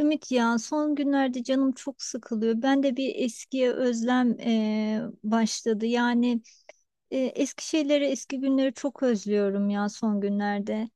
Ümit, ya son günlerde canım çok sıkılıyor. Ben de bir eskiye özlem başladı. Yani eski şeyleri, eski günleri çok özlüyorum ya son günlerde.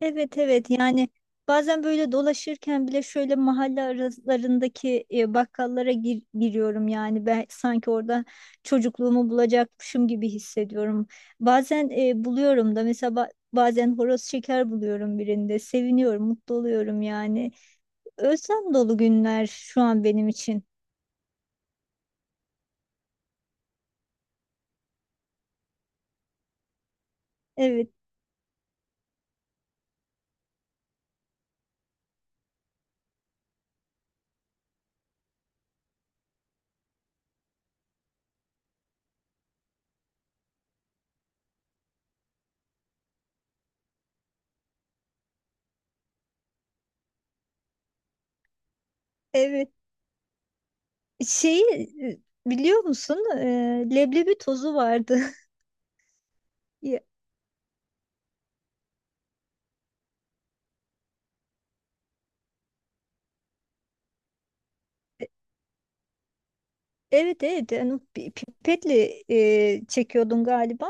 Evet, evet, yani bazen böyle dolaşırken bile şöyle mahalle aralarındaki bakkallara giriyorum. Yani ben sanki orada çocukluğumu bulacakmışım gibi hissediyorum. Bazen buluyorum da, mesela bazen horoz şeker buluyorum birinde. Seviniyorum, mutlu oluyorum yani. Özlem dolu günler şu an benim için. Evet, evet. Şeyi biliyor musun? Leblebi tozu vardı. Ya, e, evet, evet. Yani o pipetle çekiyordun galiba.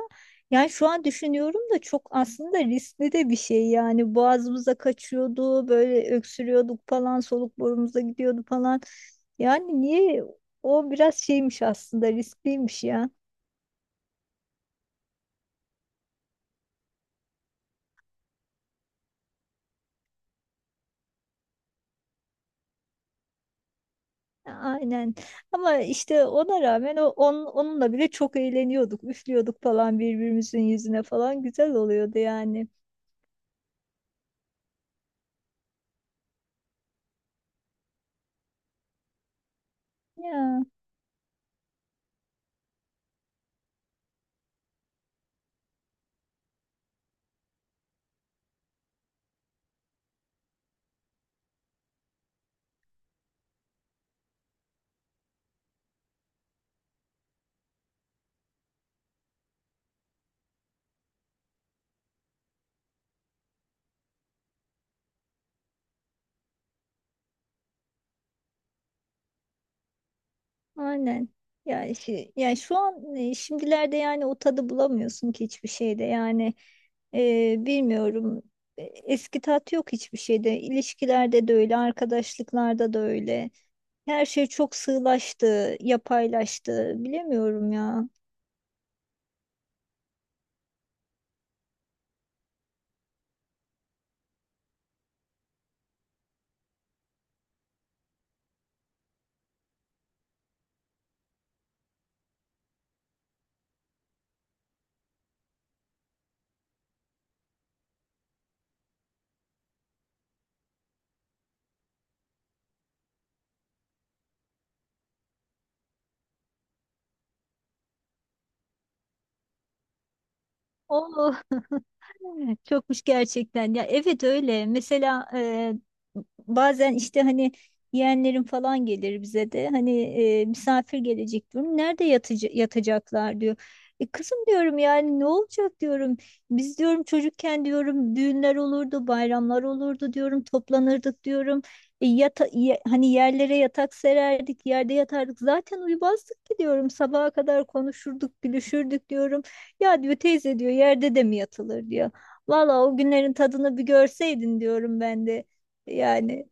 Yani şu an düşünüyorum da çok aslında riskli de bir şey. Yani boğazımıza kaçıyordu, böyle öksürüyorduk falan, soluk borumuza gidiyordu falan. Yani niye? O biraz şeymiş aslında, riskliymiş ya. Aynen. Ama işte ona rağmen onunla bile çok eğleniyorduk. Üflüyorduk falan birbirimizin yüzüne falan, güzel oluyordu yani. Ya aynen. Ya şu an, şimdilerde yani o tadı bulamıyorsun ki hiçbir şeyde. Yani bilmiyorum. Eski tat yok hiçbir şeyde. İlişkilerde de öyle, arkadaşlıklarda da öyle. Her şey çok sığlaştı, yapaylaştı. Bilemiyorum ya. Oh. Evet, çokmuş gerçekten. Ya evet, öyle. Mesela bazen işte hani yeğenlerim falan gelir bize de, hani misafir gelecek diyorum. Nerede yatıcı, yatacaklar diyor. E kızım, diyorum, yani ne olacak diyorum. Biz, diyorum, çocukken diyorum düğünler olurdu, bayramlar olurdu diyorum, toplanırdık diyorum. Hani yerlere yatak sererdik, yerde yatardık. Zaten uyumazdık ki diyorum. Sabaha kadar konuşurduk, gülüşürdük diyorum. Ya diyor, teyze diyor, yerde de mi yatılır diyor. Valla o günlerin tadını bir görseydin diyorum ben de. Yani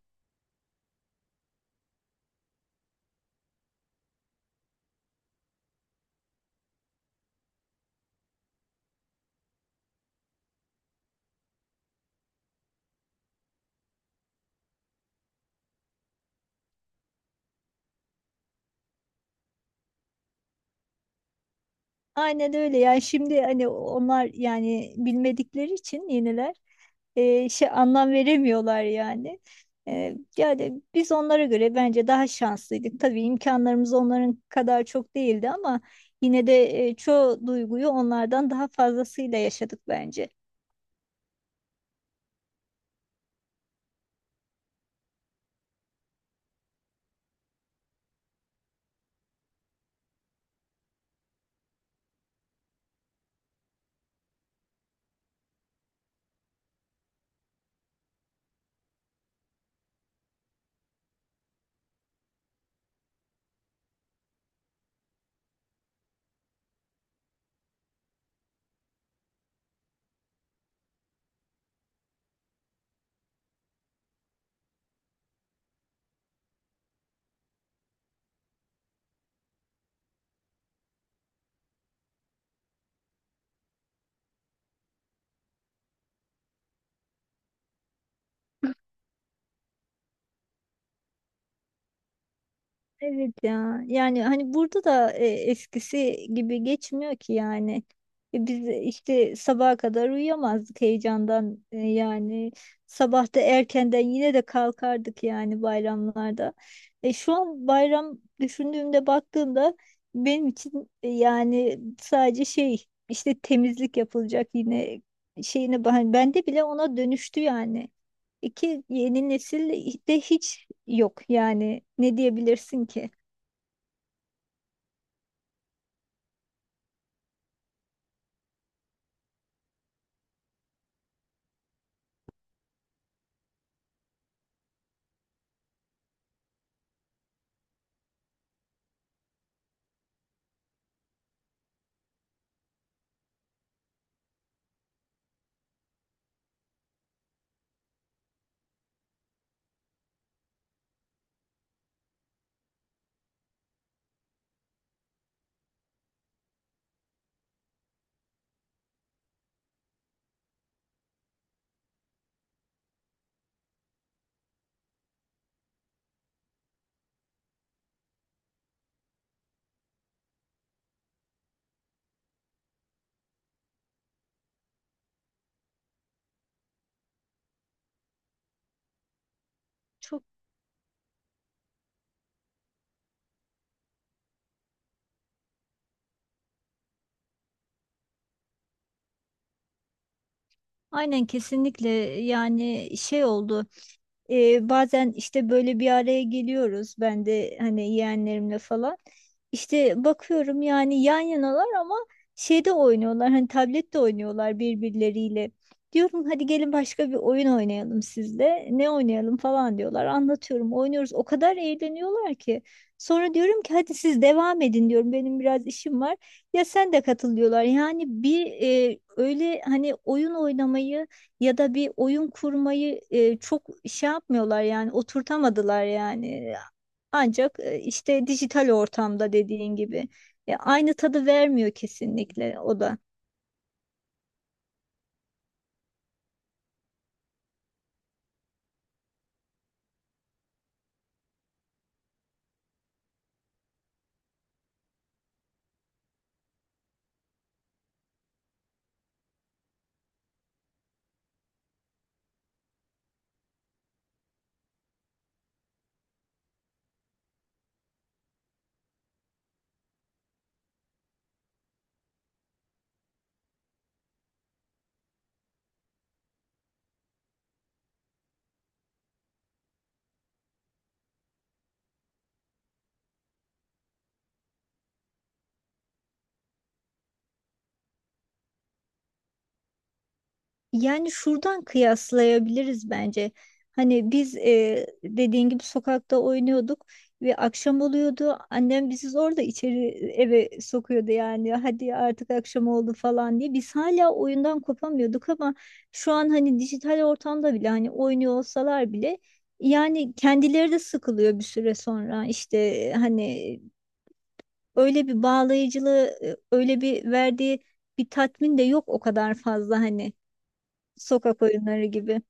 aynen öyle. Yani şimdi hani onlar yani bilmedikleri için yeniler. Şey, anlam veremiyorlar yani. Yani biz onlara göre bence daha şanslıydık. Tabii imkanlarımız onların kadar çok değildi ama yine de çoğu duyguyu onlardan daha fazlasıyla yaşadık bence. Evet ya, yani hani burada da eskisi gibi geçmiyor ki yani. Biz işte sabaha kadar uyuyamazdık heyecandan. Yani sabah da erkenden yine de kalkardık yani, bayramlarda. Şu an bayram düşündüğümde, baktığımda benim için yani sadece şey, işte temizlik yapılacak, yine şeyine, ben bende bile ona dönüştü yani. İki, yeni nesil de hiç yok yani, ne diyebilirsin ki? Çok aynen, kesinlikle, yani şey oldu. Bazen işte böyle bir araya geliyoruz. Ben de hani yeğenlerimle falan. İşte bakıyorum yani, yan yanalar ama şeyde oynuyorlar. Hani tablette oynuyorlar birbirleriyle. Diyorum hadi gelin başka bir oyun oynayalım sizle. Ne oynayalım falan diyorlar. Anlatıyorum, oynuyoruz. O kadar eğleniyorlar ki. Sonra diyorum ki hadi siz devam edin diyorum, benim biraz işim var. Ya sen de katıl diyorlar. Yani bir öyle, hani, oyun oynamayı ya da bir oyun kurmayı çok şey yapmıyorlar yani, oturtamadılar yani. Ancak işte dijital ortamda dediğin gibi aynı tadı vermiyor kesinlikle o da. Yani şuradan kıyaslayabiliriz bence. Hani biz dediğin gibi sokakta oynuyorduk ve akşam oluyordu. Annem bizi zor da içeri, eve sokuyordu yani. Hadi artık akşam oldu falan diye. Biz hala oyundan kopamıyorduk ama şu an hani dijital ortamda bile, hani oynuyor olsalar bile, yani kendileri de sıkılıyor bir süre sonra. İşte hani öyle bir bağlayıcılığı, öyle bir verdiği bir tatmin de yok o kadar fazla, hani. Sokak oyunları gibi.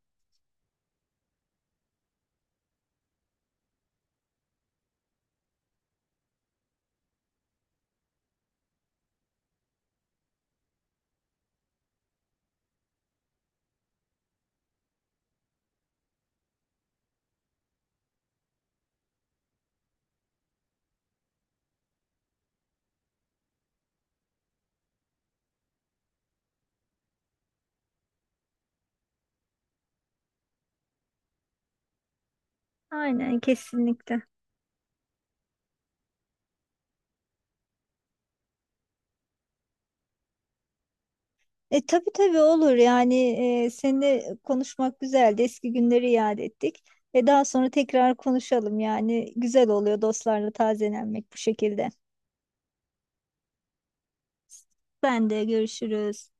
Aynen, kesinlikle. E tabii, tabii olur yani, seninle konuşmak güzeldi. Eski günleri yad ettik. Ve daha sonra tekrar konuşalım, yani güzel oluyor dostlarla tazelenmek bu şekilde. Ben de, görüşürüz.